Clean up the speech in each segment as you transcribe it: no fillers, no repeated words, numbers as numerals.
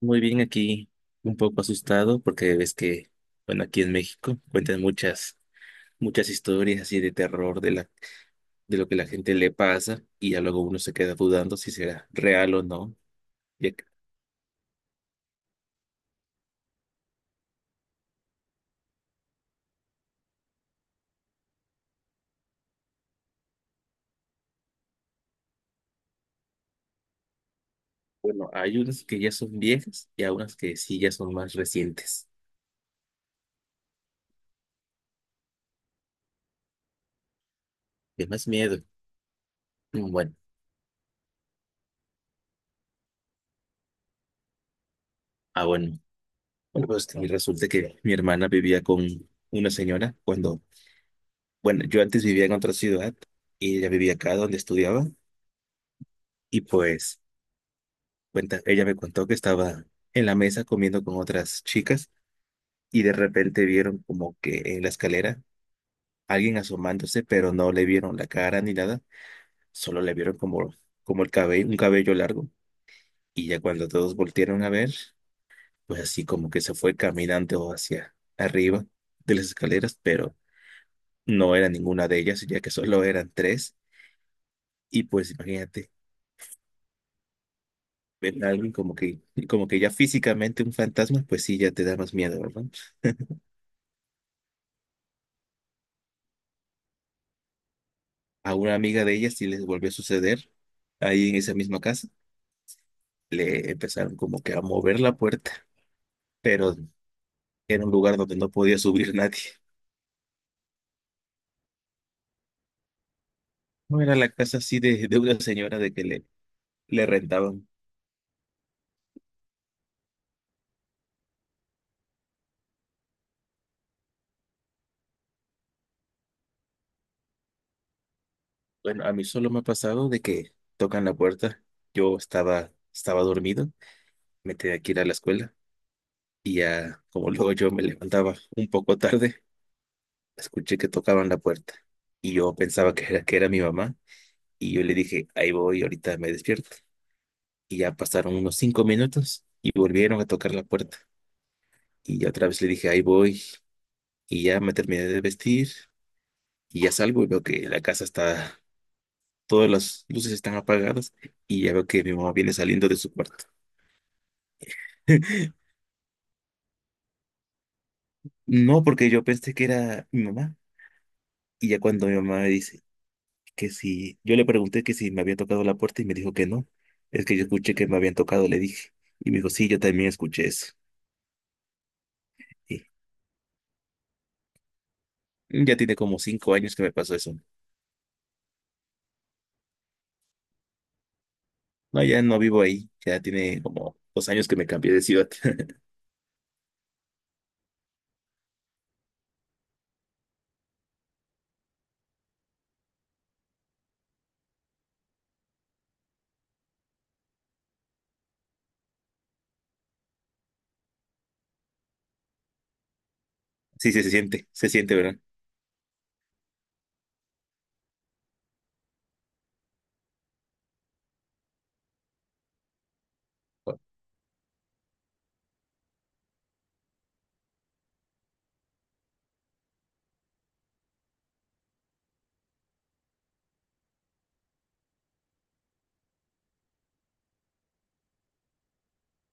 Muy bien, aquí un poco asustado porque ves que, bueno, aquí en México cuentan muchas historias así de terror de lo que la gente le pasa y ya luego uno se queda dudando si será real o no. Ya que, bueno, hay unas que ya son viejas y hay unas que sí ya son más recientes. De más miedo. Bueno, ah, bueno. Bueno, pues que resulta que mi hermana vivía con una señora cuando, bueno, yo antes vivía en otra ciudad y ella vivía acá donde estudiaba y pues cuenta, ella me contó que estaba en la mesa comiendo con otras chicas y de repente vieron como que en la escalera alguien asomándose, pero no le vieron la cara ni nada, solo le vieron como, como el cabello, un cabello largo. Y ya cuando todos voltearon a ver, pues así como que se fue caminando hacia arriba de las escaleras, pero no era ninguna de ellas, ya que solo eran tres. Y pues imagínate, ver a alguien como que ya físicamente un fantasma, pues sí, ya te da más miedo, ¿verdad? A una amiga de ella sí les volvió a suceder ahí en esa misma casa. Le empezaron como que a mover la puerta, pero era un lugar donde no podía subir nadie. No era la casa así de una señora de que le rentaban. Bueno, a mí solo me ha pasado de que tocan la puerta. Yo estaba dormido, me tenía que ir a la escuela y ya como luego yo me levantaba un poco tarde, escuché que tocaban la puerta y yo pensaba que era mi mamá y yo le dije, ahí voy, ahorita me despierto. Y ya pasaron unos 5 minutos y volvieron a tocar la puerta. Y ya otra vez le dije, ahí voy. Y ya me terminé de vestir y ya salgo y veo que la casa está, todas las luces están apagadas y ya veo que mi mamá viene saliendo de su cuarto. No, porque yo pensé que era mi mamá. Y ya cuando mi mamá me dice que si, yo le pregunté que si me había tocado la puerta y me dijo que no. Es que yo escuché que me habían tocado, le dije. Y me dijo, sí, yo también escuché eso. Y ya tiene como 5 años que me pasó eso. No, ya no vivo ahí. Ya tiene como 2 años que me cambié de ciudad. Sí, sí, se siente, ¿verdad?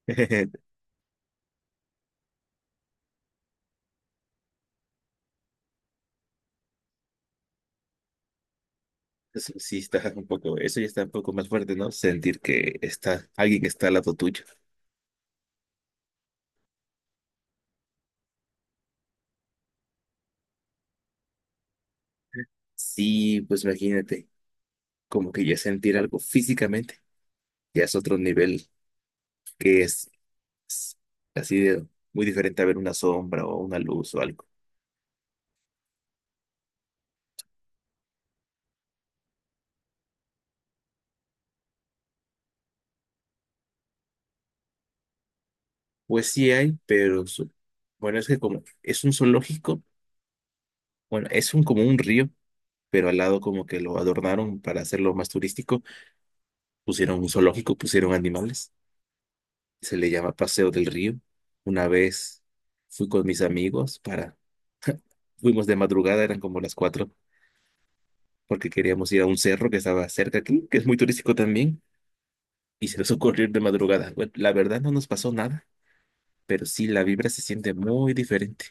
Eso sí está un poco, eso ya está un poco más fuerte, ¿no? Sentir que está alguien que está al lado tuyo. Sí, pues imagínate, como que ya sentir algo físicamente, ya es otro nivel que es así de muy diferente a ver una sombra o una luz o algo. Pues sí hay, pero bueno, es que como es un zoológico, bueno, es un como un río pero al lado como que lo adornaron para hacerlo más turístico, pusieron un zoológico, pusieron animales, se le llama Paseo del Río. Una vez fui con mis amigos fuimos de madrugada, eran como las cuatro, porque queríamos ir a un cerro que estaba cerca aquí, que es muy turístico también, y se nos ocurrió ir de madrugada. Bueno, la verdad no nos pasó nada, pero sí la vibra se siente muy diferente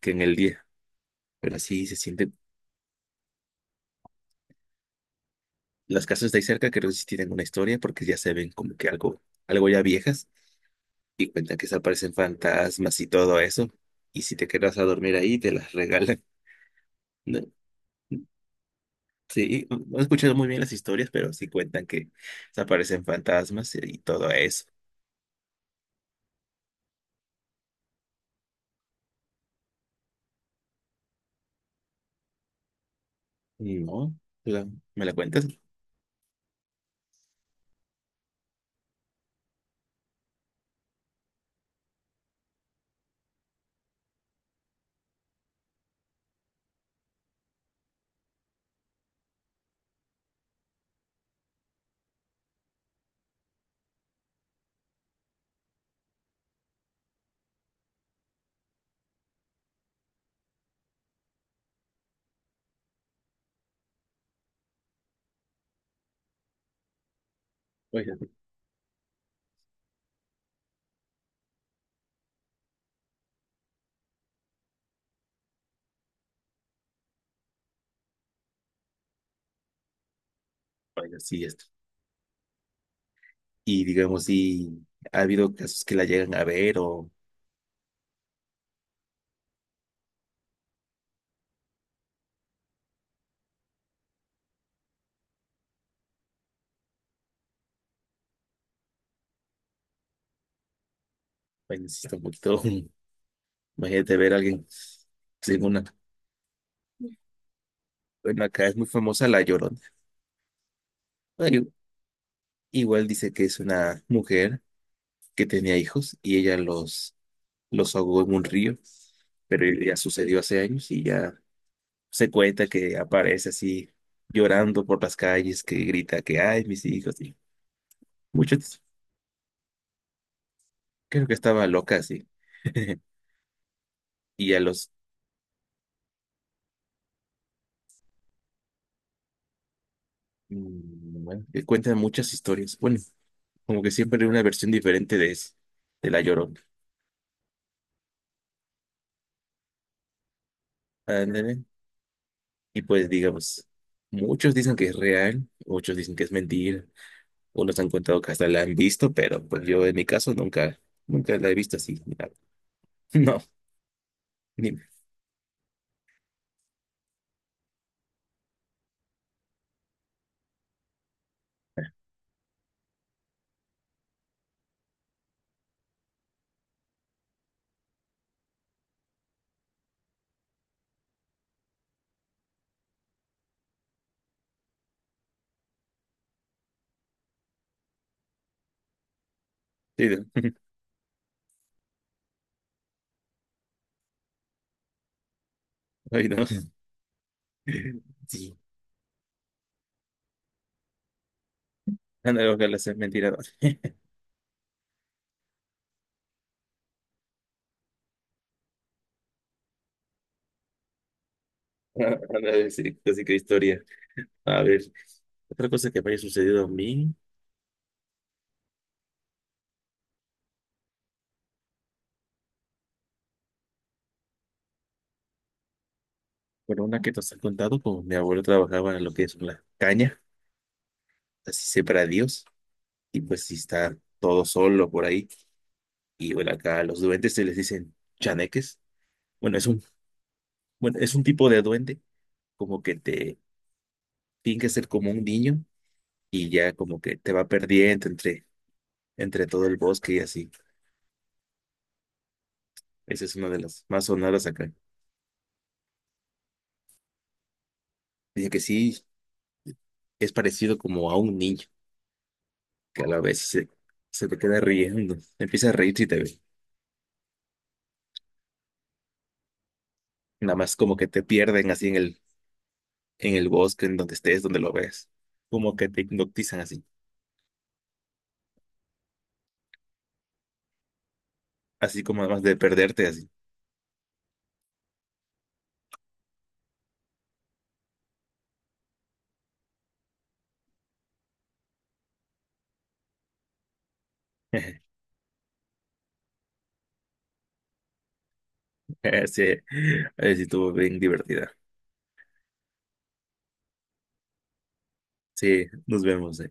que en el día, pero así se siente. Las casas de ahí cerca creo que sí tienen una historia porque ya se ven como que algo, algo ya viejas y cuentan que se aparecen fantasmas y todo eso. Y si te quedas a dormir ahí, te las regalan, ¿no? Sí, no he escuchado muy bien las historias, pero sí cuentan que se aparecen fantasmas y todo eso. No, la- ¿me la cuentas? Oiga, oiga, sí, esto. Y digamos, si ha habido casos que la llegan a ver o, bueno, sí está un poquito, imagínate ver a alguien sin una, bueno, acá es muy famosa la Llorona. Bueno, igual dice que es una mujer que tenía hijos y ella los ahogó en un río, pero ya sucedió hace años y ya se cuenta que aparece así llorando por las calles, que grita que ay, mis hijos, y muchos, creo que estaba loca así. Y a los, mm, bueno, que cuentan muchas historias, bueno, como que siempre hay una versión diferente de eso, de La Llorona. Ándale. Y pues digamos, muchos dicen que es real, muchos dicen que es mentira, unos han contado que hasta la han visto, pero pues yo en mi caso nunca, nunca la he visto así. No. Dime, sí, dime, ay, no. Sí, anda, ojalá sea mentira. Anda a decir casi que historia. A ver, otra cosa que me haya sucedido a mí, bueno, una que nos han contado, como mi abuelo trabajaba en lo que es la caña, así separa y pues si está todo solo por ahí, y bueno, acá a los duendes se les dicen chaneques. Bueno, es un, bueno, es un tipo de duende, como que te finge ser como un niño, y ya como que te va perdiendo entre todo el bosque y así. Esa es una de las más sonadas acá. Dice que sí, es parecido como a un niño, que a la vez se, se te queda riendo. Empieza a reírse y te ve. Nada más como que te pierden así en el bosque, en donde estés, donde lo ves. Como que te hipnotizan así. Así como además de perderte así. Sí, así estuvo bien divertida. Sí, nos vemos, ¿eh?